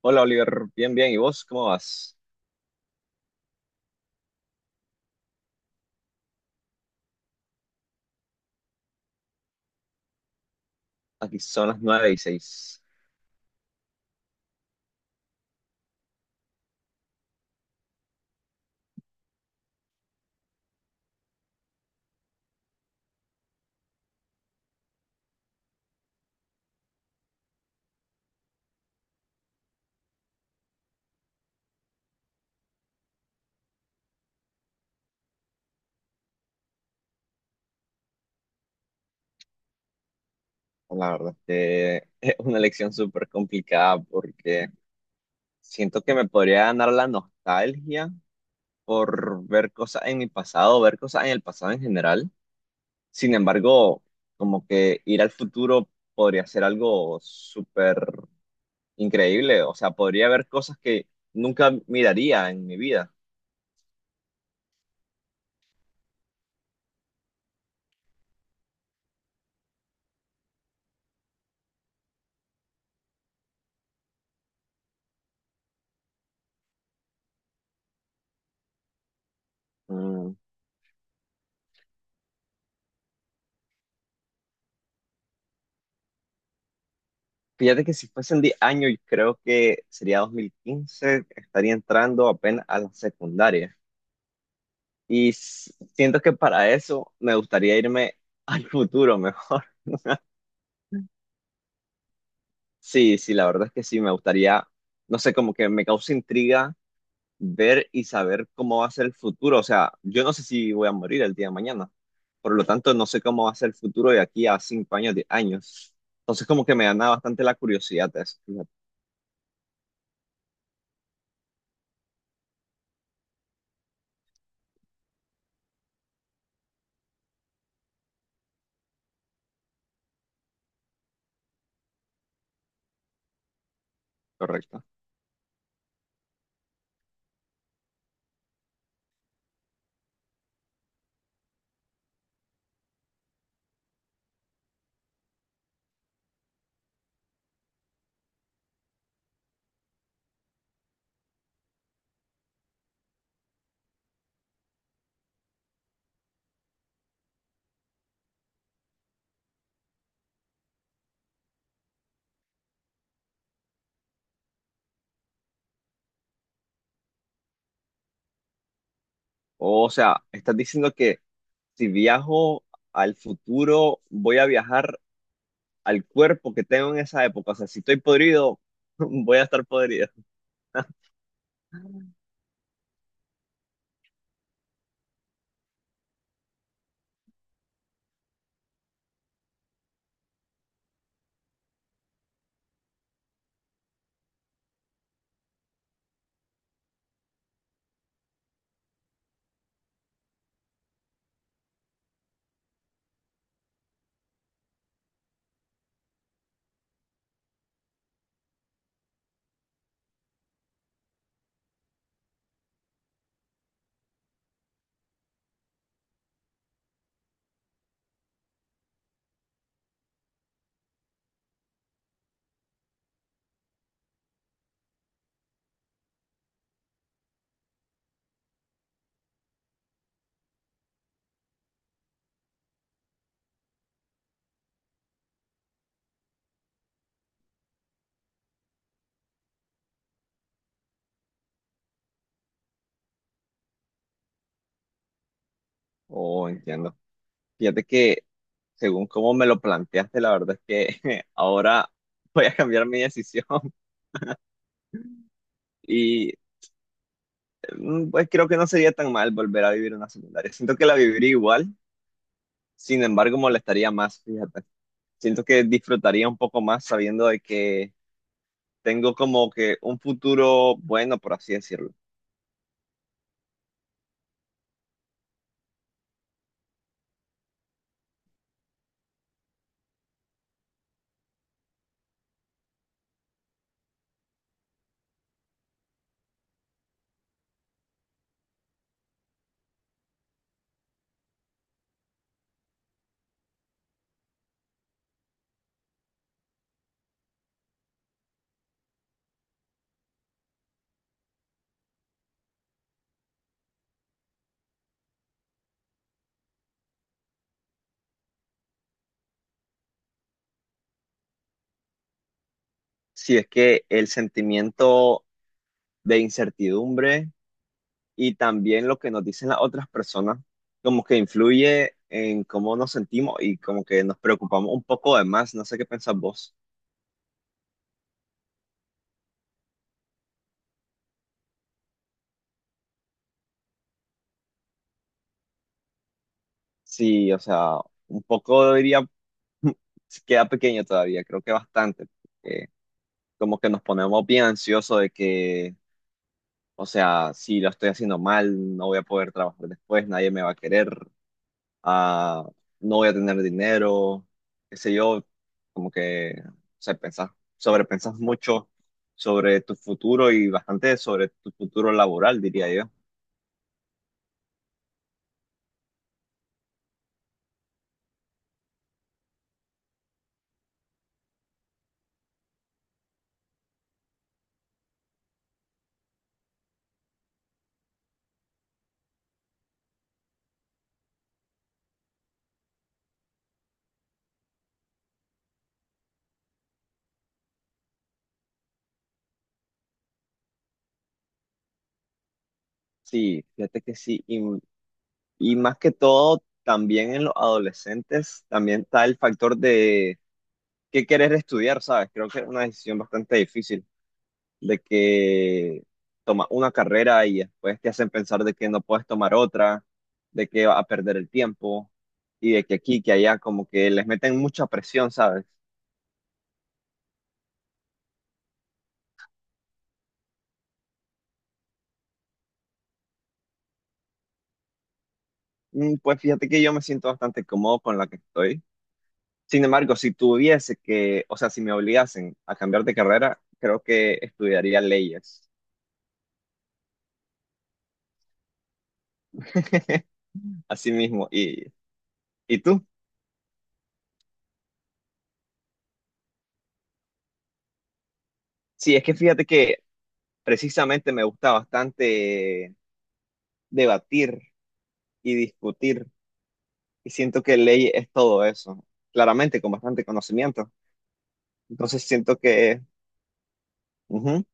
Hola Oliver, bien, bien. ¿Y vos cómo vas? Aquí son las nueve y seis. La verdad que es una elección súper complicada porque siento que me podría ganar la nostalgia por ver cosas en mi pasado, ver cosas en el pasado en general. Sin embargo, como que ir al futuro podría ser algo súper increíble. O sea, podría ver cosas que nunca miraría en mi vida. Mm, Fíjate que si fuesen 10 años, yo creo que sería 2015, estaría entrando apenas a la secundaria. Siento que para eso me gustaría irme al futuro mejor. Sí, sí, la verdad es que sí, me gustaría, no sé, como que me causa intriga ver y saber cómo va a ser el futuro. O sea, yo no sé si voy a morir el día de mañana. Por lo tanto, no sé cómo va a ser el futuro de aquí a 5 años, 10 años. Entonces, como que me gana bastante la curiosidad de eso. Fíjate. Correcto. O sea, estás diciendo que si viajo al futuro, voy a viajar al cuerpo que tengo en esa época. O sea, si estoy podrido, voy a estar podrido. Oh, entiendo. Fíjate que según cómo me lo planteaste, la verdad es que ahora voy a cambiar mi decisión. Y pues creo que no sería tan mal volver a vivir una secundaria. Siento que la viviría igual, sin embargo molestaría más, fíjate. Siento que disfrutaría un poco más sabiendo de que tengo como que un futuro bueno, por así decirlo. Si es que el sentimiento de incertidumbre y también lo que nos dicen las otras personas, como que influye en cómo nos sentimos y como que nos preocupamos un poco de más. No sé qué pensás vos. Sí, o sea, un poco diría, queda pequeño todavía, creo que bastante. Porque como que nos ponemos bien ansiosos de que... O sea, si lo estoy haciendo mal, no voy a poder trabajar después, nadie me va a querer, ah, no voy a tener dinero, qué sé yo, como que, o sea, pensás, sobrepensás mucho sobre tu futuro y bastante sobre tu futuro laboral, diría yo. Sí, fíjate que sí, y más que todo, también en los adolescentes, también está el factor de qué querer estudiar, ¿sabes? Creo que es una decisión bastante difícil. De que tomas una carrera y después te hacen pensar de que no puedes tomar otra, de que vas a perder el tiempo y de que aquí, que allá, como que les meten mucha presión, ¿sabes? Pues fíjate que yo me siento bastante cómodo con la que estoy. Sin embargo, si tuviese que, o sea, si me obligasen a cambiar de carrera, creo que estudiaría leyes. Así mismo. ¿Y tú? Sí, es que fíjate que precisamente me gusta bastante debatir y discutir. Y siento que ley es todo eso, claramente con bastante conocimiento. Entonces siento que, ujú,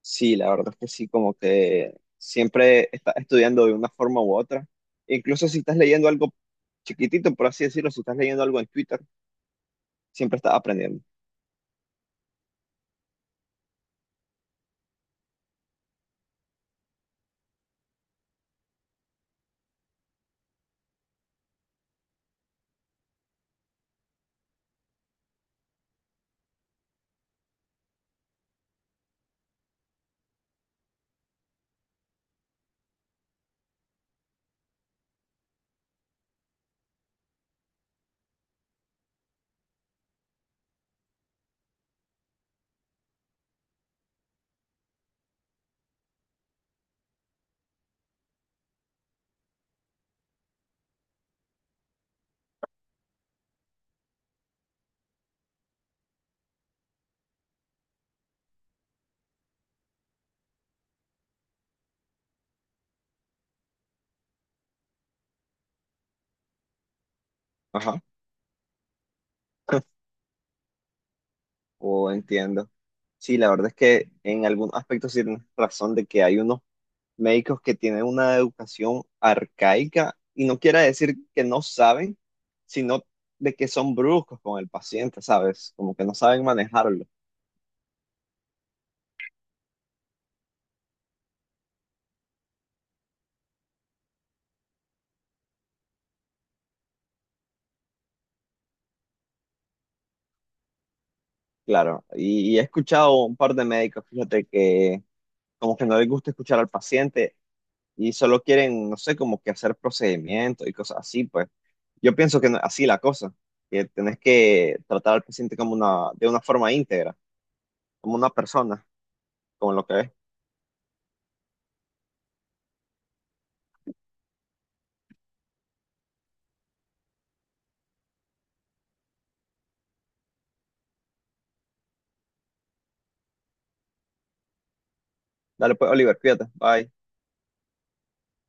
sí, la verdad es que sí, como que siempre estás estudiando de una forma u otra. Incluso si estás leyendo algo chiquitito, por así decirlo, si estás leyendo algo en Twitter, siempre estás aprendiendo. Ajá. Oh, entiendo. Sí, la verdad es que en algún aspecto sí tienes razón de que hay unos médicos que tienen una educación arcaica y no quiere decir que no saben, sino de que son bruscos con el paciente, ¿sabes? Como que no saben manejarlo, claro. Y he escuchado un par de médicos, fíjate, que como que no les gusta escuchar al paciente y solo quieren, no sé, como que hacer procedimientos y cosas así, pues yo pienso que no- así la cosa, que tenés que tratar al paciente como una, de una forma íntegra, como una persona, como lo que es. Dale pues, Oliver, cuídate, bye.